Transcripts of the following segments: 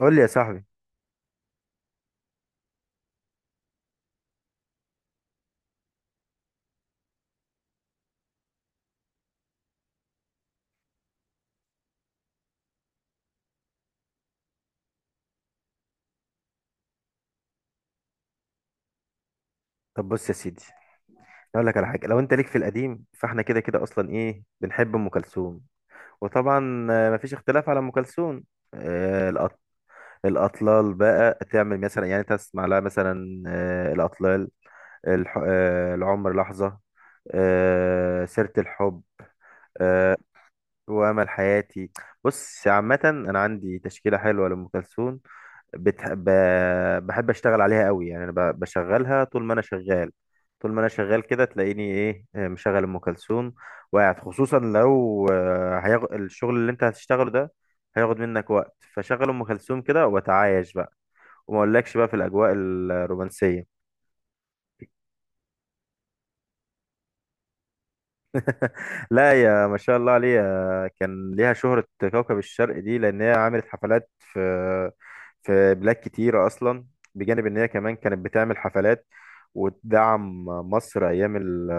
قول لي يا صاحبي. طب بص يا سيدي، اقول لك على حاجه، لو انت ليك في القديم فاحنا كده كده اصلا ايه، بنحب ام كلثوم وطبعا مفيش اختلاف على ام كلثوم. آه، الأط- الاطلال بقى تعمل مثلا، يعني تسمع لها مثلا الاطلال، الح... آه، العمر لحظه، سيره الحب، آه، وامل حياتي. بص عامه انا عندي تشكيله حلوه لام كلثوم، بتح... ب... بحب اشتغل عليها قوي، يعني انا بشغلها طول ما انا شغال. طول ما انا شغال كده تلاقيني ايه، مشغل ام كلثوم وقاعد، خصوصا لو الشغل اللي انت هتشتغله ده هياخد منك وقت، فشغل ام كلثوم كده واتعايش بقى، وما اقولكش بقى في الاجواء الرومانسيه. لا يا ما شاء الله عليها، كان ليها شهرة. كوكب الشرق دي لأن هي عملت حفلات في في بلاد كتيرة أصلا، بجانب إن هي كمان كانت بتعمل حفلات وتدعم مصر أيام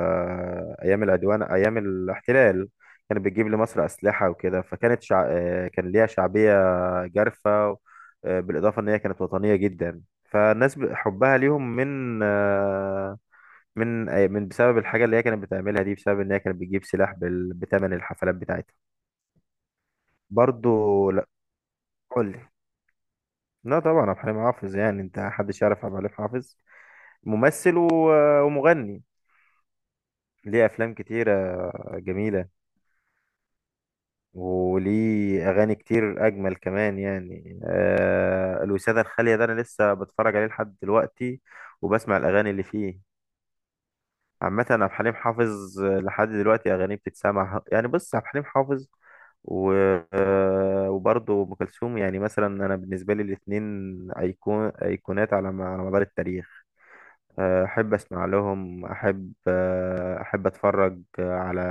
أيام العدوان، أيام الاحتلال كانت بتجيب لمصر أسلحة وكده، كان ليها شعبية جارفة. بالإضافة إن هي كانت وطنية جدا، فالناس حبها ليهم من من من بسبب الحاجة اللي هي كانت بتعملها دي، بسبب ان هي كانت بتجيب سلاح بتمن الحفلات بتاعتها. برضو لا، قول لي. لا طبعا عبد الحليم حافظ، يعني انت محدش يعرف عبد الحليم حافظ، ممثل ومغني ليه افلام كتيرة جميلة، وليه اغاني كتير اجمل كمان، يعني آه الوسادة الخالية ده انا لسه بتفرج عليه لحد دلوقتي وبسمع الاغاني اللي فيه. عامة عبد الحليم حافظ لحد دلوقتي اغانيه بتتسمع، يعني بص عبد الحليم حافظ و... آه، وبرضه ام كلثوم، يعني مثلا انا بالنسبه لي الاثنين ايقون، ايقونات على على مدار التاريخ. احب اسمع لهم، احب احب اتفرج على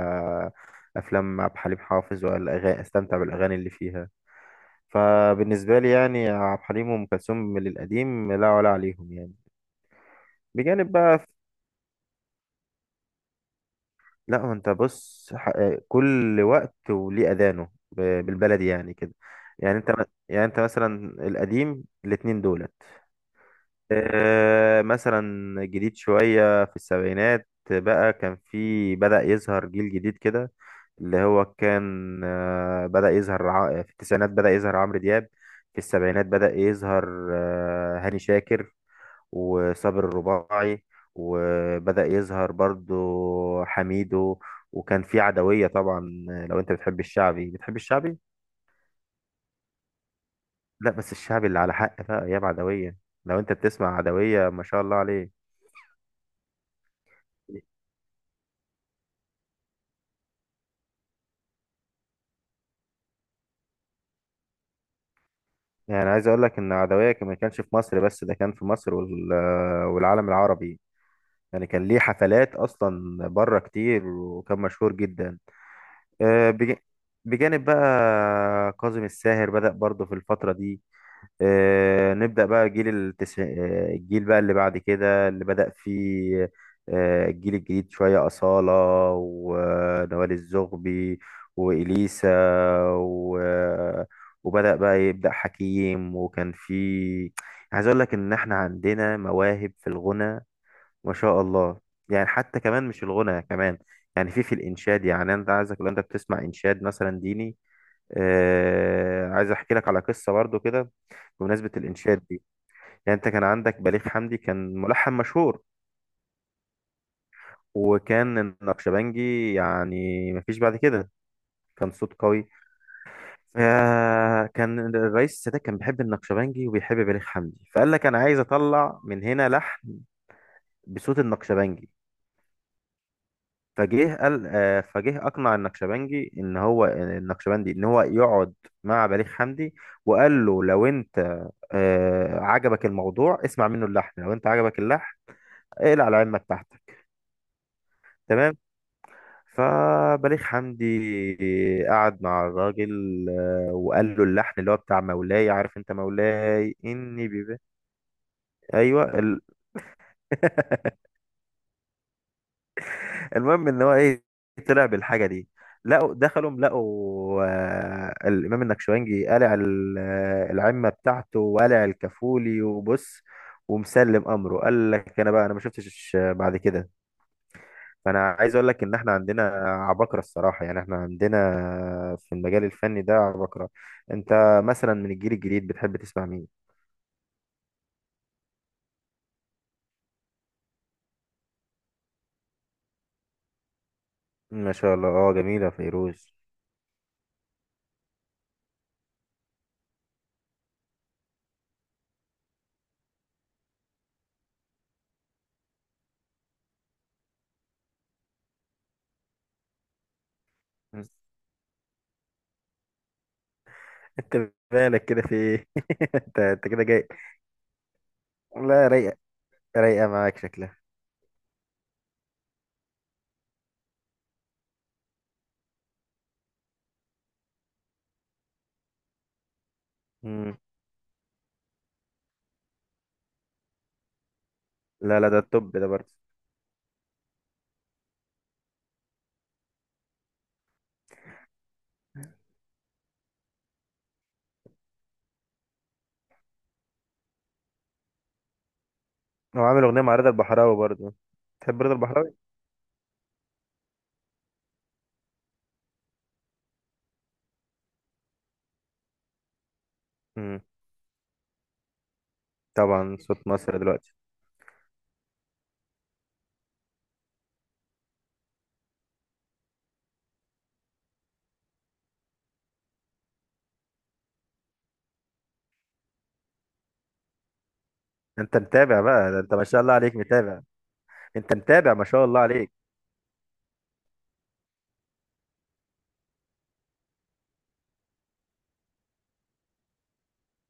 افلام عبد الحليم حافظ والاغاني، استمتع بالاغاني اللي فيها. فبالنسبه لي يعني عبد الحليم وام كلثوم من القديم لا ولا عليهم يعني، بجانب بقى. لا ما انت بص كل وقت وليه اذانه، بالبلدي يعني كده. يعني انت م- يعني انت مثلا القديم الاتنين دولت، مثلا جديد شوية في السبعينات بقى، كان في بدأ يظهر جيل جديد كده، اللي هو كان في التسعينات بدأ يظهر عمرو دياب. في السبعينات بدأ يظهر هاني شاكر وصابر الرباعي، وبدأ يظهر برضو حميدو، وكان في عدوية طبعا. لو انت بتحب الشعبي بتحب الشعبي، لا بس الشعبي اللي على حق بقى ايام عدوية، لو انت بتسمع عدوية ما شاء الله عليه. يعني عايز اقول لك ان ما كانش في مصر بس ده، كان في مصر والعالم العربي، يعني كان ليه حفلات اصلا بره كتير، وكان مشهور جدا. آه، بج- بجانب بقى كاظم الساهر بدأ برضه في الفترة دي. آه، نبدأ بقى جيل التسع... آه، الجيل بقى اللي بعد كده اللي بدأ فيه، الجيل الجديد شوية، أصالة ونوال الزغبي وإليسا و... وبدأ بقى يبدأ حكيم، وكان في عايز أقول لك إن إحنا عندنا مواهب في الغنى ما شاء الله. يعني حتى كمان مش الغنى كمان، يعني في الإنشاد، يعني أنت عايزك لو أنت بتسمع إنشاد مثلا ديني. عايز أحكي لك على قصة برضو كده بمناسبة الإنشاد دي. يعني أنت كان عندك بليغ حمدي، كان ملحن مشهور، وكان النقشبنجي يعني مفيش بعد كده، كان صوت قوي. فكان الرئيس السادات كان بيحب النقشبنجي وبيحب بليغ حمدي، فقال لك أنا عايز أطلع من هنا لحن بصوت النقشبنجي. فجه قال آه، فجه أقنع النقشبنجي إن هو النقشبندي إن هو يقعد مع بليغ حمدي، وقال له لو أنت عجبك الموضوع اسمع منه اللحن، لو أنت عجبك اللحن اقلع على علمك تحتك. تمام. فبليغ حمدي قعد مع الراجل، وقال له اللحن اللي هو بتاع مولاي، عارف انت مولاي اني بيبي. ايوه المهم ان هو ايه، طلع بالحاجه دي. دخلوا لقوا الامام النكشوانجي قلع العمه بتاعته وقلع الكفولي، وبص ومسلم امره. قال لك انا بقى انا ما شفتش بعد كده. فانا عايز اقول لك ان احنا عندنا عباقرة الصراحة، يعني احنا عندنا في المجال الفني ده عباقرة. انت مثلا من الجيل الجديد بتحب تسمع مين؟ ما شاء الله، اه جميلة فيروز. مم. انت مالك كده؟ في ايه؟ انت كده جاي؟ لا رايقة، رايقة معاك شكلها. مم. لا لا ده التوب ده برضه. هو عامل اغنية مع رضا البحراوي برضه. تحب رضا البحراوي؟ مم. طبعا صوت مصر دلوقتي. انت متابع بقى، ده انت ما شاء الله عليك متابع، انت متابع ما شاء الله عليك.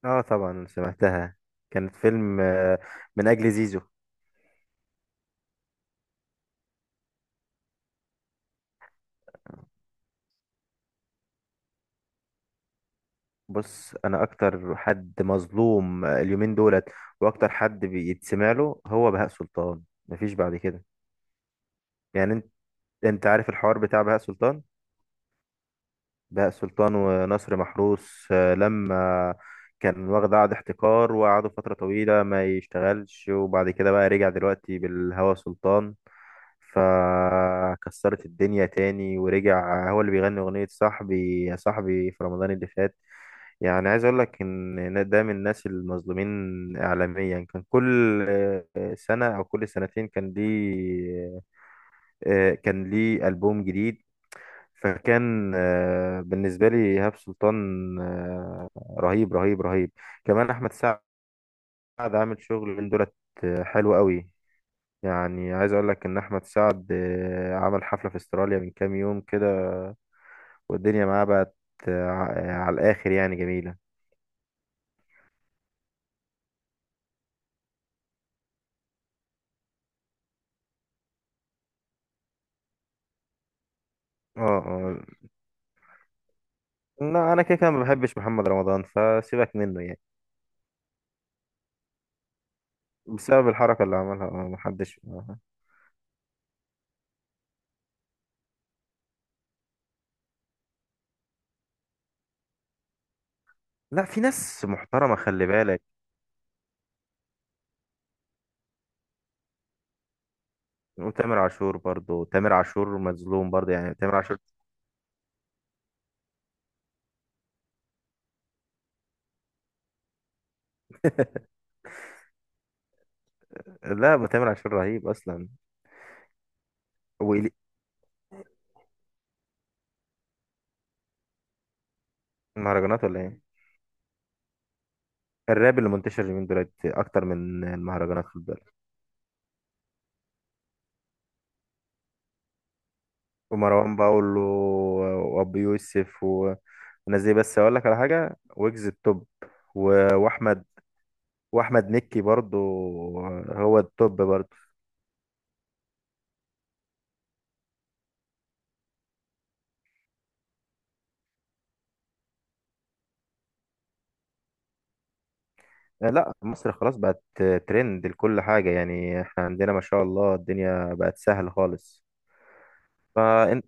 اه طبعا سمعتها، كانت فيلم من اجل زيزو. بص انا اكتر حد مظلوم اليومين دولت، واكتر حد بيتسمع له هو بهاء سلطان، مفيش بعد كده. يعني انت انت عارف الحوار بتاع بهاء سلطان، بهاء سلطان ونصر محروس لما كان واخد عقد احتكار، وقعدوا فترة طويلة ما يشتغلش، وبعد كده بقى رجع دلوقتي بالهوى سلطان، فكسرت الدنيا تاني، ورجع هو اللي بيغني أغنية صاحبي يا صاحبي في رمضان اللي فات. يعني عايز اقول لك ان ده من الناس المظلومين اعلاميا، كان كل سنة او كل سنتين كان ليه كان ليه ألبوم جديد. فكان بالنسبة لي إيهاب سلطان آه، رهيب رهيب رهيب. كمان أحمد سعد عامل شغل من دولت حلو قوي، يعني عايز أقول لك إن أحمد سعد عمل حفلة في استراليا من كام يوم كده، والدنيا معاه بقت آه، على الآخر، يعني جميلة. اه اه. لا أنا كده كده ما بحبش محمد رمضان فسيبك منه يعني. بسبب الحركة اللي عملها محدش لا في ناس محترمة خلي بالك. وتامر عاشور برضو، تامر عاشور مظلوم برضو، يعني تامر عاشور. لا ابو تامر عاشور رهيب اصلا. وإلي المهرجانات، ولا ايه؟ الراب اللي منتشر اليومين دولت اكتر من المهرجانات، خد بالك. ومروان بابلو وابو يوسف والناس دي، بس اقول لك على حاجه، ويجز التوب و- واحمد واحمد مكي برضو، هو التوب برضو. لا مصر خلاص بقت ترند لكل حاجه، يعني احنا عندنا ما شاء الله الدنيا بقت سهل خالص. فانت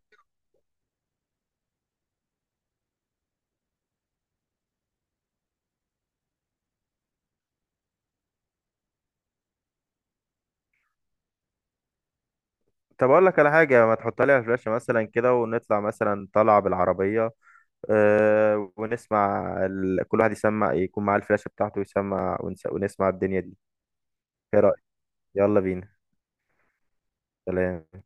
طب اقول لك على حاجه، ما تحط لي على الفلاشه مثلا كده، ونطلع مثلا طلعه بالعربيه ونسمع كل واحد يسمع، يكون معاه الفلاشة بتاعته ويسمع، ونسمع الدنيا دي. ايه رأيك؟ يلا بينا. سلام.